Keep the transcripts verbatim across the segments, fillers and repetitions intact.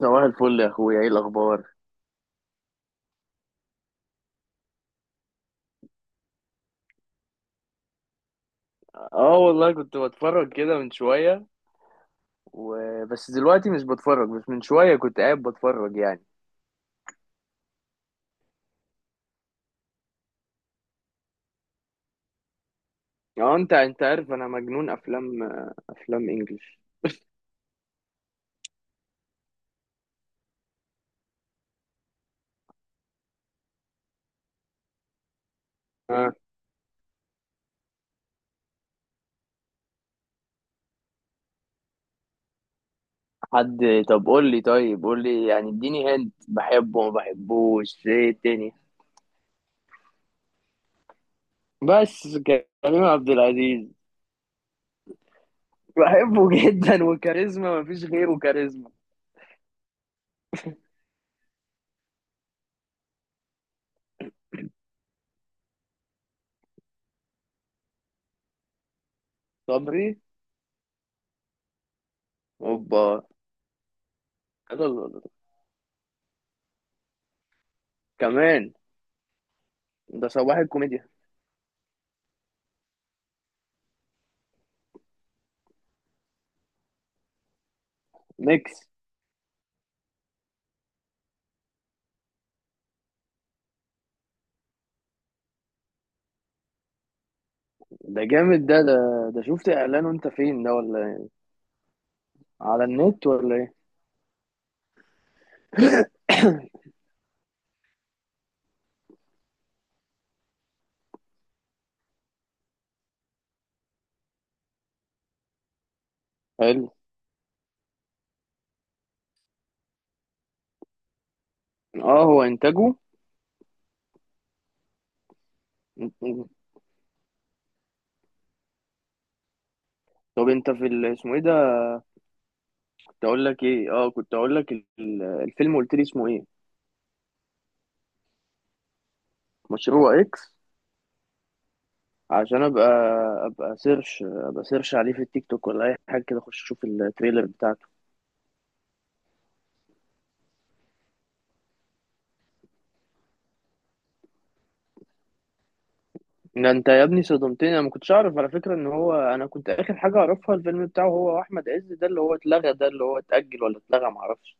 صباح الفل يا اخويا، ايه الاخبار؟ اه والله كنت بتفرج كده من شويه، وبس دلوقتي مش بتفرج، بس من شويه كنت قاعد بتفرج يعني. اه، انت انت عارف انا مجنون افلام. افلام انجلش. اه، حد. طب قول لي طيب قول لي يعني، اديني هنت بحبه ما بحبوش، ايه الدنيا؟ بس كريم عبد العزيز. بحبه جدا، وكاريزما مفيش غيره كاريزما. صبري. اوبا. يلا، يلا، يلا. كمان. ده صباح الكوميديا. ميكس. ده جامد ده ده ده شفت اعلانه انت فين، ده ولا ايه؟ على النت ولا ايه؟ حلو. اه، هو انتاجه. طب انت في ال- اسمه ايه ده؟ كنت اقول لك ايه اه كنت اقول لك ال- الفيلم قلت لي اسمه ايه؟ مشروع اكس. عشان ابقى ابقى سيرش ابقى سيرش عليه في التيك توك، ولا اي حاجه كده اخش اشوف التريلر بتاعته. ده انت يا ابني صدمتني، انا ما كنتش اعرف على فكره ان هو انا كنت اخر حاجه اعرفها الفيلم بتاعه هو احمد عز ده، اللي هو اتلغى، ده اللي هو اتاجل ولا اتلغى ما اعرفش.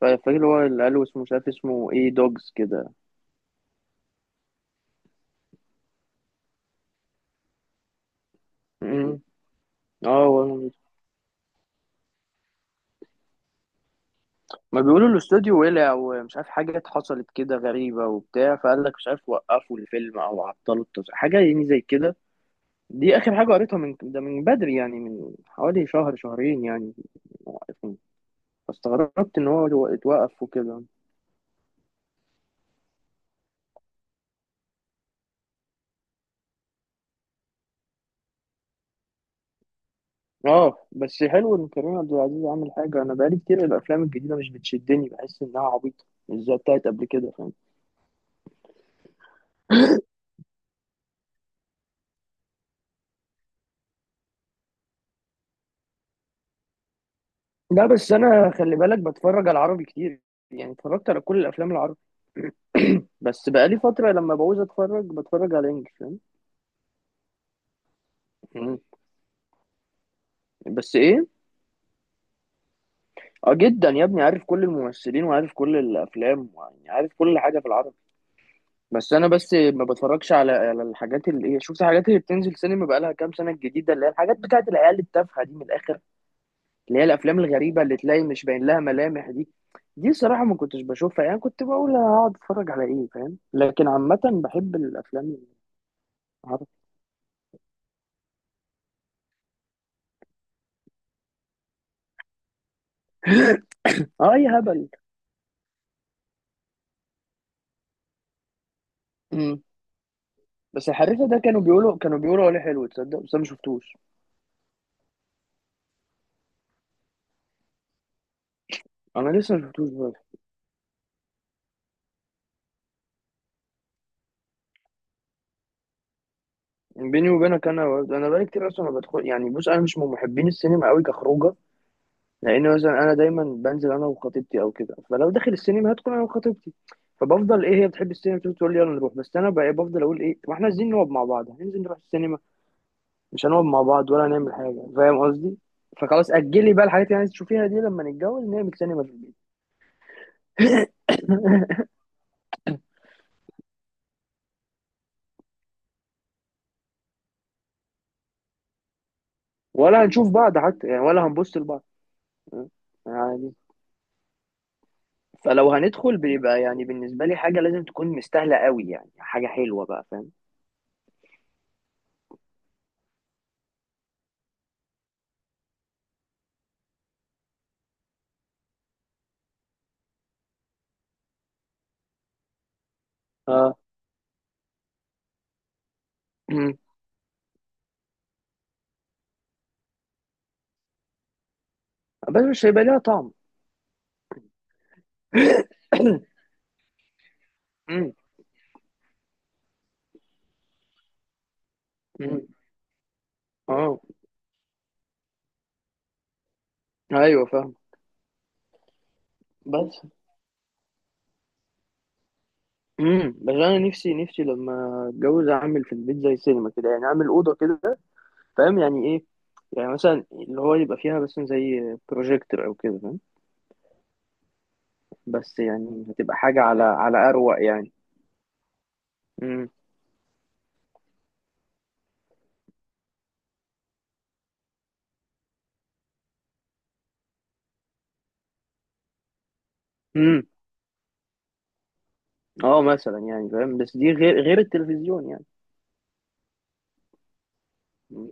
فا- فاكر اللي هو اللي قالوا اسمه، مش عارف اسمه ايه، دوجز كده. مم. اه. وأنا- ما بيقولوا الاستوديو ولع ومش عارف حاجات حصلت كده غريبة وبتاع، فقال لك مش عارف، وقفوا الفيلم او عطلوا التصوير حاجة يعني زي كده. دي اخر حاجة قريتها من ده، من بدري يعني، من حوالي شهر شهرين يعني. موقفين. فاستغربت ان هو اتو- اتوقف وكده. اه، بس حلو ان كريم عبد العزيز عامل حاجة. انا بقالي كتير الافلام الجديدة مش بتشدني، بحس انها عبيطة، مش زي بتاعت قبل كده. لا، بس انا خلي بالك بتفرج على عربي كتير، يعني اتفرجت على كل الافلام العربي. بس بقالي فتره لما بعوز اتفرج، بتفرج على انجلش، فاهم؟ مم. بس ايه. اه، جدا يا ابني، عارف كل الممثلين وعارف كل الافلام، يعني عارف كل حاجه في العربي. بس انا بس ما بتفرجش على على الحاجات اللي ايه، شفت الحاجات اللي بتنزل سينما بقالها كام سنه، الجديده اللي هي الحاجات بتاعت العيال التافهه دي، من الاخر. اللي هي الافلام الغريبه اللي تلاقي مش باين لها ملامح دي. دي صراحه ما كنتش بشوفها، يعني كنت بقول هقعد اتفرج على ايه، فاهم؟ لكن عامه بحب الافلام العربي. اه، اي هبل. مم. بس الحريفه ده كانوا بيقولوا كانوا بيقولوا عليه حلو، تصدق؟ بس انا ما شفتوش. انا لسه ما شفتوش برضه. بيني وبينك، انا انا بقالي كتير اصلا ما بدخل يعني، بص انا مش من محبين السينما قوي كخروجه. لان مثلا انا دايما بنزل انا وخطيبتي او كده، فلو داخل السينما هتكون انا وخطيبتي. فبفضل ايه، هي بتحب السينما، بتقول تقول لي يلا نروح، بس انا بقى بفضل اقول ايه، ما احنا عايزين نقعد مع بعض، هننزل نروح السينما. مش هنقعد مع بعض ولا هنعمل حاجه، فاهم قصدي؟ فخلاص، اجلي بقى الحاجات اللي عايز تشوفيها دي، لما نتجوز نعمل سينما في البيت. ولا هنشوف بعض حتى يعني، ولا هنبص لبعض يعني. فلو هندخل بيبقى يعني بالنسبه لي حاجه لازم تكون مستاهله قوي، يعني حاجه حلوه بقى، فاهم؟ اه. أمم. بس مش هيبقى ليها طعم. مم. اه، ايوه، فاهم. بس امم بس انا نفسي نفسي لما اتجوز اعمل في البيت زي سينما كده، يعني اعمل اوضه كده. فاهم يعني ايه؟ يعني مثلا اللي هو يبقى فيها مثلا زي بروجيكتور او كده، فاهم؟ بس يعني هتبقى حاجه على على اروق يعني. امم. امم. اه، مثلا يعني فاهم، بس دي غير غير التلفزيون يعني. مم.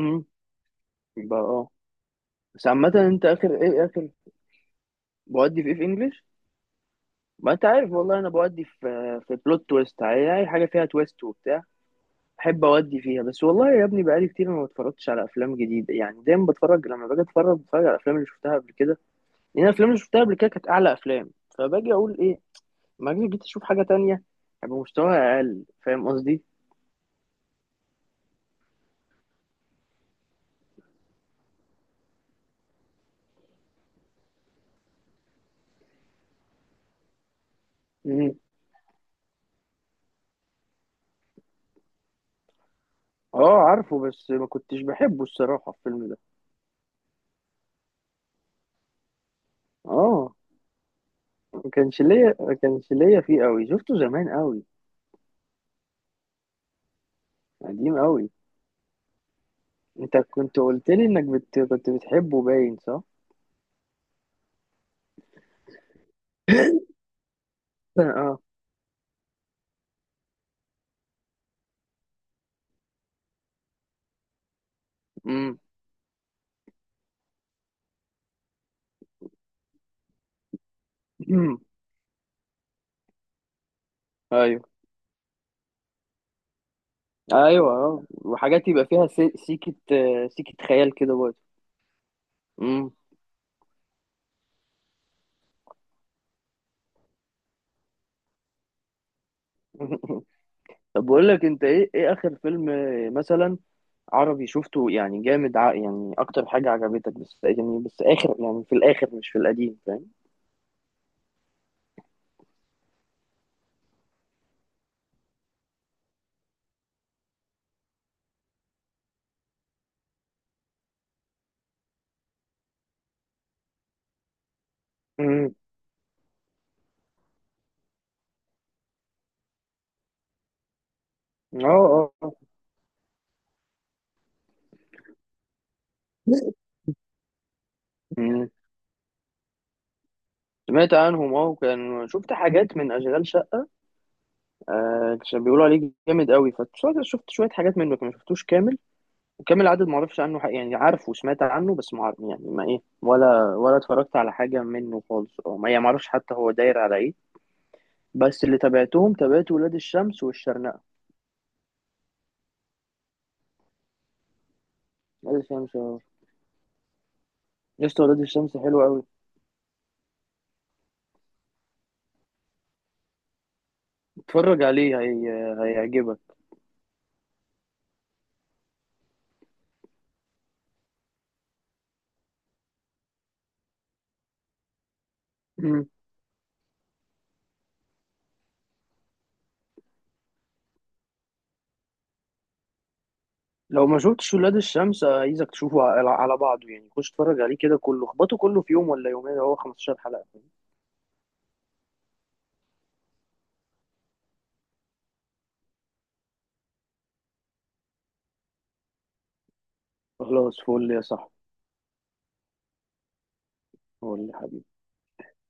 امم. يبقى اه. بس عامه، انت اخر ايه اخر بودي في ايه في انجلش؟ ما انت عارف، والله انا بودي في في بلوت تويست، اي حاجه فيها تويست وبتاع. احب اودي فيها بس. والله يا ابني بقالي كتير ما بتفرجتش على افلام جديده، يعني دايما بتفرج، لما باجي اتفرج بتفرج على الافلام اللي شفتها قبل كده. لان الافلام اللي شفتها قبل كده كانت اعلى افلام. فباجي اقول ايه، ما اجي جيت اشوف حاجه تانية، هيبقى مستواها اقل، فاهم قصدي؟ مم. اه، عارفه بس ما كنتش بحبه الصراحه الفيلم ده. اه. ما كانش ليا ما كانش ليا فيه قوي، شفته زمان قوي. قديم قوي. انت كنت قلت لي انك بت... كنت بتحبه باين، صح؟ اه. امم. ايوه، ايوه. آه. وحاجات يبقى فيها سي- سيكة آه، سيكة خيال كده برضه. مم. طب بقول لك انت ايه ايه اخر فيلم آه، مثلا عربي شفته، يعني جامد، ع- يعني اكتر حاجة عجبتك، بس يعني بس اخر يعني، في الاخر مش في القديم، فاهم؟ مم. اه، اه. مم. سمعت عنهم اه، وكان شفت حاجات من اشغال شقة. آه، كان بيقولوا عليه جامد قوي، فشفت شفت شوية حاجات منه، ما شفتوش كامل. وكامل العدد ما اعرفش عنه حق يعني، عارفه وسمعت عنه بس ما عارف يعني، ما ايه ولا ولا اتفرجت على حاجه منه خالص، او ما يعني ما اعرفش حتى هو داير على ايه. بس اللي تابعتهم، تابعت ولاد الشمس والشرنقه. ولاد الشمس. آه. لسه ولاد الشمس حلو قوي. اتفرج عليه. هي... هيعجبك. مم. لو ما شفتش ولاد الشمس، آه، عايزك تشوفه على على بعضه يعني، خش اتفرج عليه كده كله، اخبطه كله في يوم ولا يومين، هو خمس عشرة حلقه. خلاص فل يا صاحبي. فل.